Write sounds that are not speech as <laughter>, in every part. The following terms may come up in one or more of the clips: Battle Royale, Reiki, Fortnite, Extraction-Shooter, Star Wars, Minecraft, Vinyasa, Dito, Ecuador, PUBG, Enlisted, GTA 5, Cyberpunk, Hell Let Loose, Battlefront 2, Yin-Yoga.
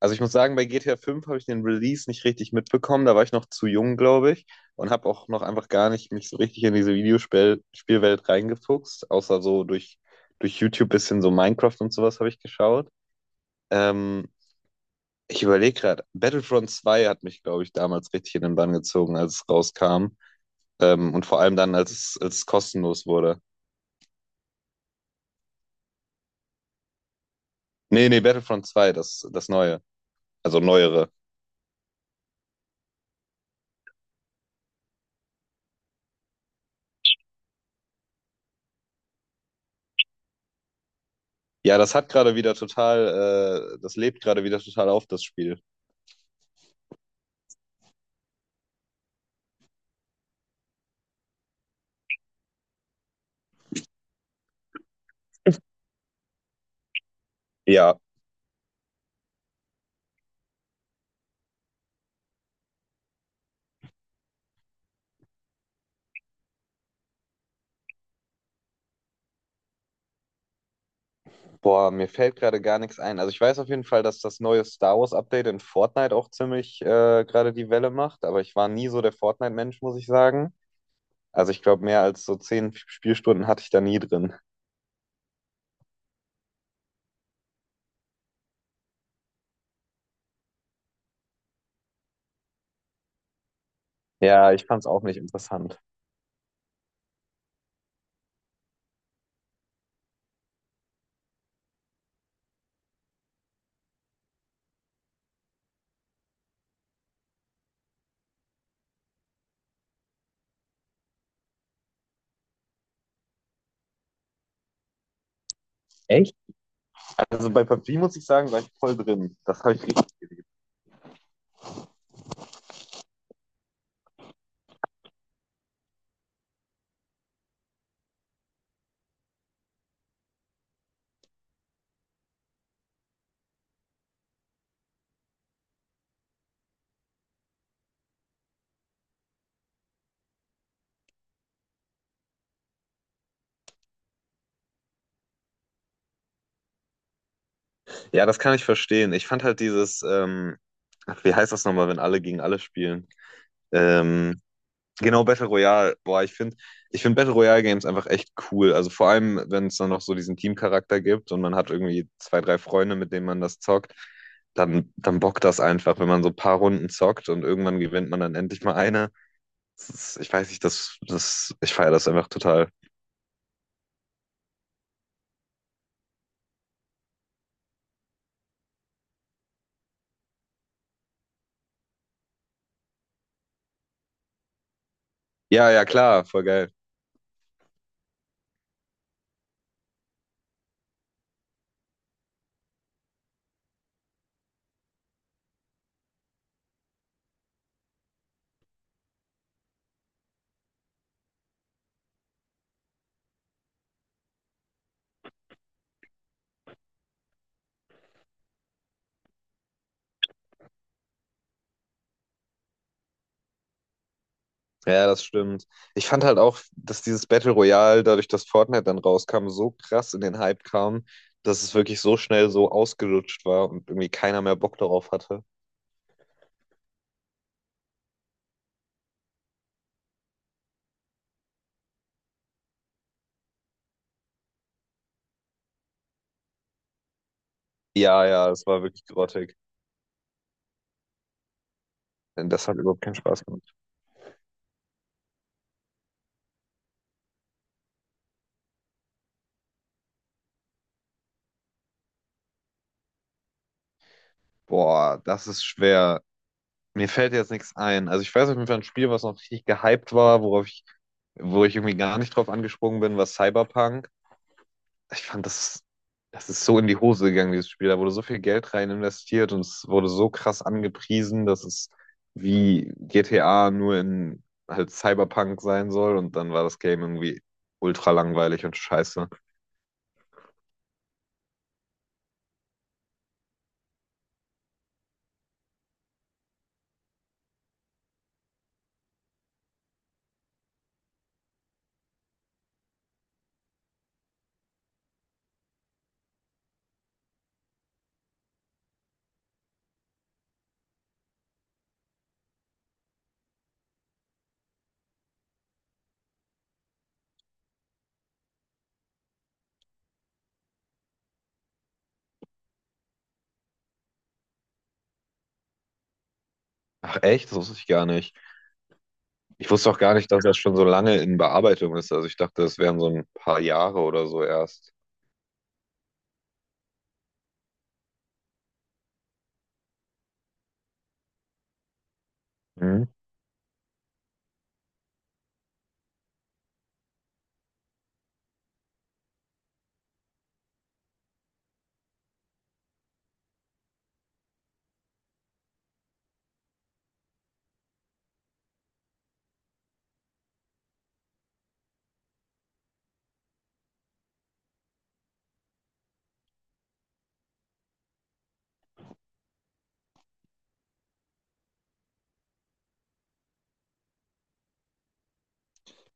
Also ich muss sagen, bei GTA 5 habe ich den Release nicht richtig mitbekommen. Da war ich noch zu jung, glaube ich, und habe auch noch einfach gar nicht mich so richtig in diese Videospielwelt reingefuchst, außer so durch YouTube bisschen so Minecraft und sowas habe ich geschaut. Ähm, Ich überlege gerade, Battlefront 2 hat mich, glaube ich, damals richtig in den Bann gezogen, als es rauskam. Und vor allem dann, als es kostenlos wurde. Nee, nee, Battlefront 2, das neue. Also neuere. Ja, das hat gerade wieder total, das lebt gerade wieder total auf, das Spiel. Ja. Boah, mir fällt gerade gar nichts ein. Also ich weiß auf jeden Fall, dass das neue Star Wars Update in Fortnite auch ziemlich gerade die Welle macht, aber ich war nie so der Fortnite-Mensch, muss ich sagen. Also ich glaube, mehr als so 10 Spielstunden hatte ich da nie drin. Ja, ich fand es auch nicht interessant. Also bei PUBG muss ich sagen, war ich voll drin. Das habe ich richtig geliebt. Ja, das kann ich verstehen. Ich fand halt dieses, ach, wie heißt das nochmal, wenn alle gegen alle spielen? Ähm, Genau, Battle Royale. Boah, ich finde Battle Royale Games einfach echt cool. Also vor allem, wenn es dann noch so diesen Teamcharakter gibt und man hat irgendwie zwei, drei Freunde, mit denen man das zockt, dann bockt das einfach, wenn man so ein paar Runden zockt und irgendwann gewinnt man dann endlich mal eine. Das ist, ich weiß nicht, ich feiere das einfach total. Ja, ja, klar, voll geil. Ja, das stimmt. Ich fand halt auch, dass dieses Battle Royale, dadurch, dass Fortnite dann rauskam, so krass in den Hype kam, dass es wirklich so schnell so ausgelutscht war und irgendwie keiner mehr Bock darauf hatte. Ja, ja, es war wirklich grottig. Denn das hat überhaupt keinen Spaß gemacht. Boah, das ist schwer. Mir fällt jetzt nichts ein. Also ich weiß auf jeden Fall ein Spiel, was noch richtig gehypt war, wo ich irgendwie gar nicht drauf angesprungen bin, war Cyberpunk. Ich fand das ist so in die Hose gegangen, dieses Spiel. Da wurde so viel Geld rein investiert und es wurde so krass angepriesen, dass es wie GTA nur in halt Cyberpunk sein soll und dann war das Game irgendwie ultra langweilig und scheiße. Ach echt? Das wusste ich gar nicht. Ich wusste auch gar nicht, dass das schon so lange in Bearbeitung ist. Also ich dachte, das wären so ein paar Jahre oder so erst. Mhm.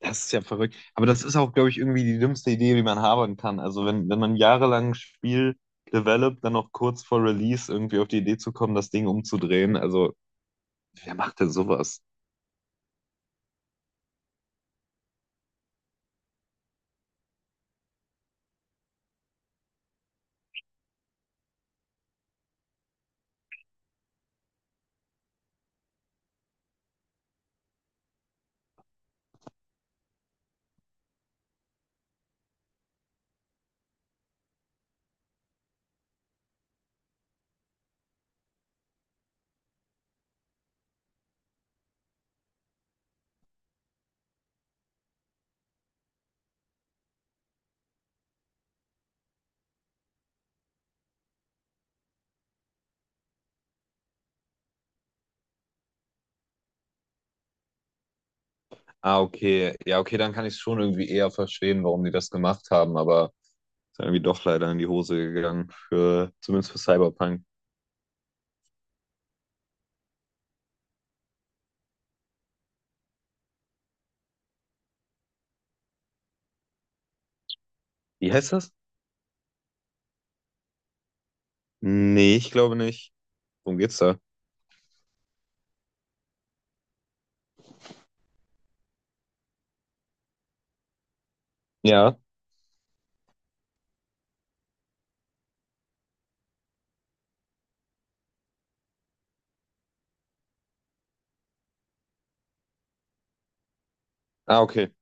Das ist ja verrückt. Aber das ist auch, glaube ich, irgendwie die dümmste Idee, die man haben kann. Also wenn man jahrelang ein Spiel developt, dann noch kurz vor Release irgendwie auf die Idee zu kommen, das Ding umzudrehen. Also wer macht denn sowas? Ah, okay. Ja, okay, dann kann ich es schon irgendwie eher verstehen, warum die das gemacht haben. Aber ist irgendwie doch leider in die Hose gegangen, zumindest für Cyberpunk. Wie heißt das? Nee, ich glaube nicht. Worum geht's da? Ja. Ah, okay.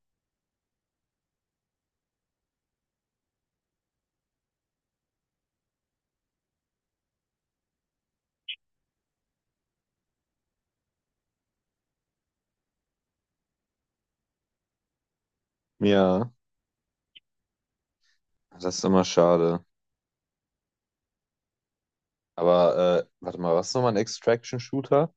Ja, das ist immer schade. Aber warte mal, was ist nochmal ein Extraction-Shooter?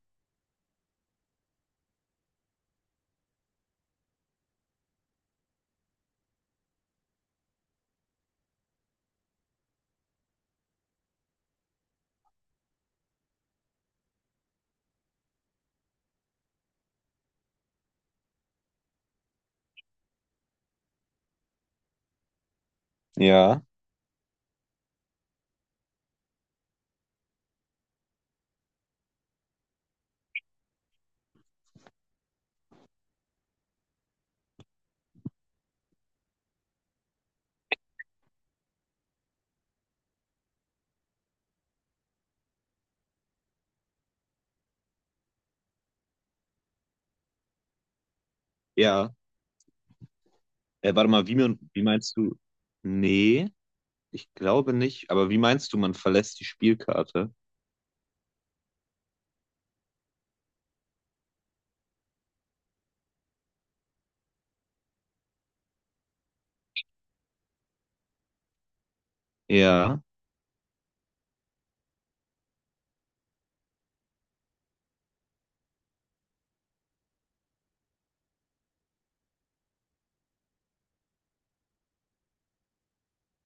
Ja. Ja. Warte mal, wie meinst du? Nee, ich glaube nicht. Aber wie meinst du, man verlässt die Spielkarte? Ja.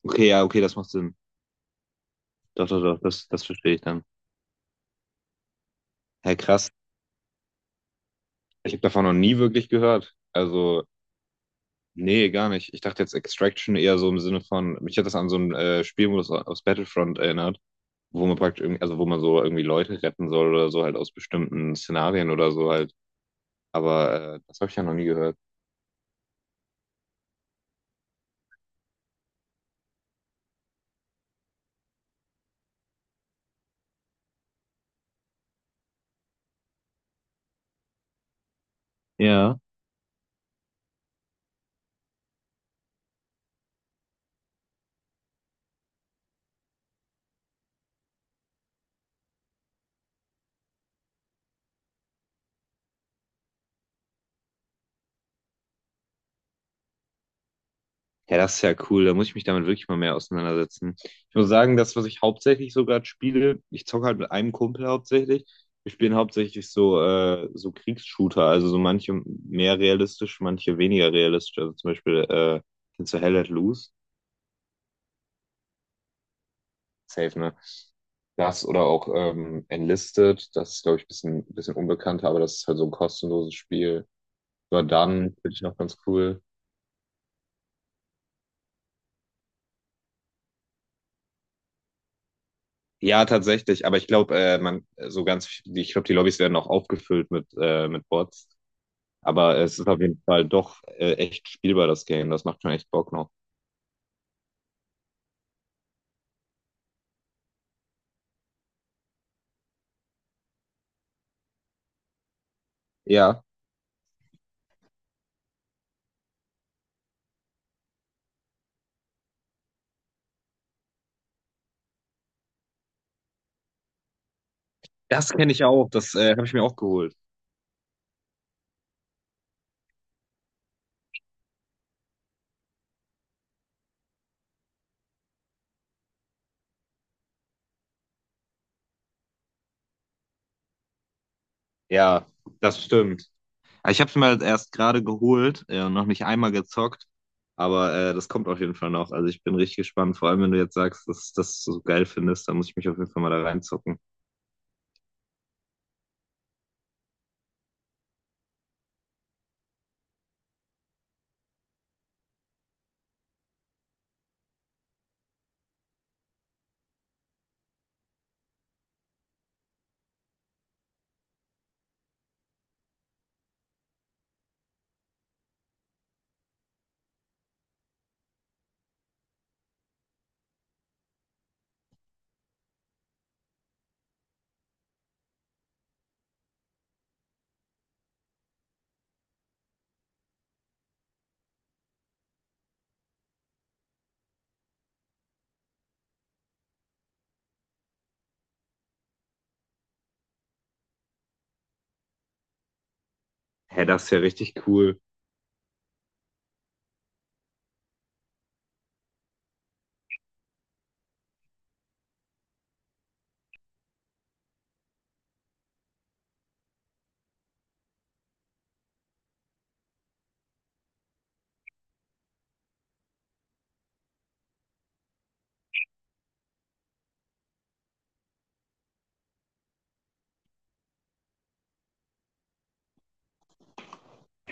Okay, ja, okay, das macht Sinn. Doch, doch, doch, das verstehe ich dann. Hä, krass. Ich habe davon noch nie wirklich gehört. Also, nee, gar nicht. Ich dachte jetzt Extraction eher so im Sinne von, mich hat das an so einen Spielmodus aus Battlefront erinnert. Wo man praktisch irgendwie, also wo man so irgendwie Leute retten soll oder so halt aus bestimmten Szenarien oder so halt. Aber das habe ich ja noch nie gehört. Ja. Ja, das ist ja cool. Da muss ich mich damit wirklich mal mehr auseinandersetzen. Ich muss sagen, das, was ich hauptsächlich so gerade spiele, ich zocke halt mit einem Kumpel hauptsächlich. Wir spielen hauptsächlich so, so Kriegsshooter, also so manche mehr realistisch, manche weniger realistisch. Also zum Beispiel, kennst du Hell Let Loose? Safe, ne? Das oder auch Enlisted, das ist, glaube ich, ein bisschen unbekannter, aber das ist halt so ein kostenloses Spiel. Jordan finde ich noch ganz cool. Ja, tatsächlich, aber ich glaube, man, so ganz, viel- ich glaube, die Lobbys werden auch aufgefüllt mit Bots. Aber es ist auf jeden Fall doch echt spielbar, das Game. Das macht schon echt Bock noch. Ja, das kenne ich auch. Das habe ich mir auch geholt. Ja, das stimmt. Ich habe es mir halt erst gerade geholt und noch nicht einmal gezockt. Aber das kommt auf jeden Fall noch. Also ich bin richtig gespannt. Vor allem, wenn du jetzt sagst, dass du das so geil findest, dann muss ich mich auf jeden Fall mal da reinzocken. Hä, das ist ja richtig cool.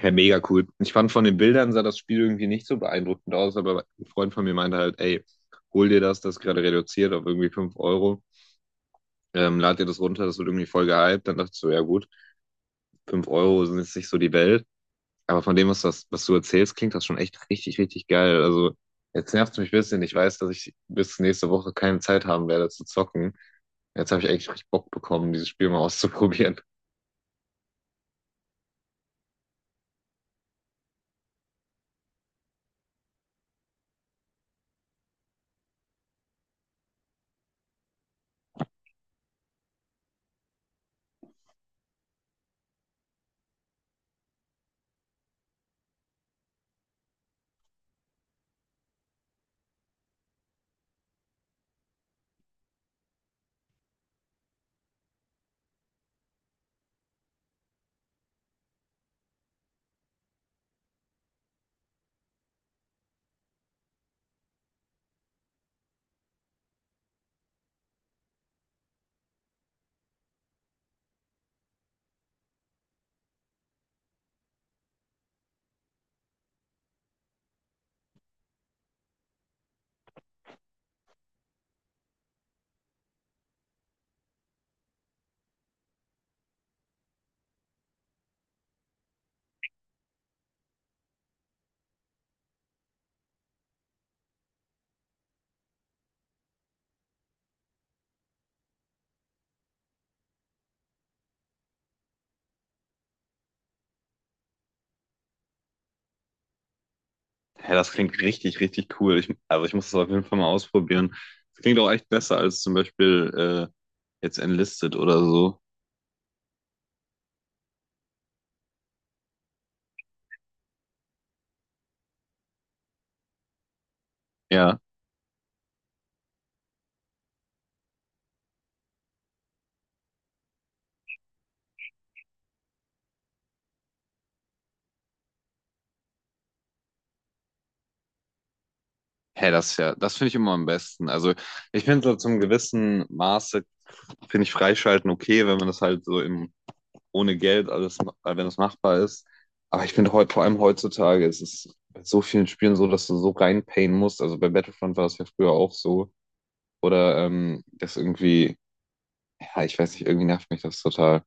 Ja, mega cool. Ich fand von den Bildern sah das Spiel irgendwie nicht so beeindruckend aus, aber ein Freund von mir meinte halt, ey, hol dir das, das ist gerade reduziert auf irgendwie 5 Euro. Lad dir das runter, das wird irgendwie voll gehypt. Dann dachte ich so, ja gut, 5 Euro sind jetzt nicht so die Welt. Aber von dem, das, was du erzählst, klingt das schon echt richtig, richtig geil. Also jetzt nervt es mich ein bisschen. Ich weiß, dass ich bis nächste Woche keine Zeit haben werde zu zocken. Jetzt habe ich echt richtig Bock bekommen, dieses Spiel mal <laughs> auszuprobieren. Hä, das klingt richtig, richtig cool. Also ich muss das auf jeden Fall mal ausprobieren. Das klingt auch echt besser als zum Beispiel jetzt Enlisted oder so. Ja. Hä, das finde ich immer am besten. Also ich finde so zum gewissen Maße, finde ich Freischalten okay, wenn man das halt so im, ohne Geld alles, wenn das machbar ist. Aber ich finde heute, vor allem heutzutage, es ist bei so vielen Spielen so, dass du so reinpayen musst. Also bei Battlefront war das ja früher auch so. Oder das irgendwie, ja, ich weiß nicht, irgendwie nervt mich das total.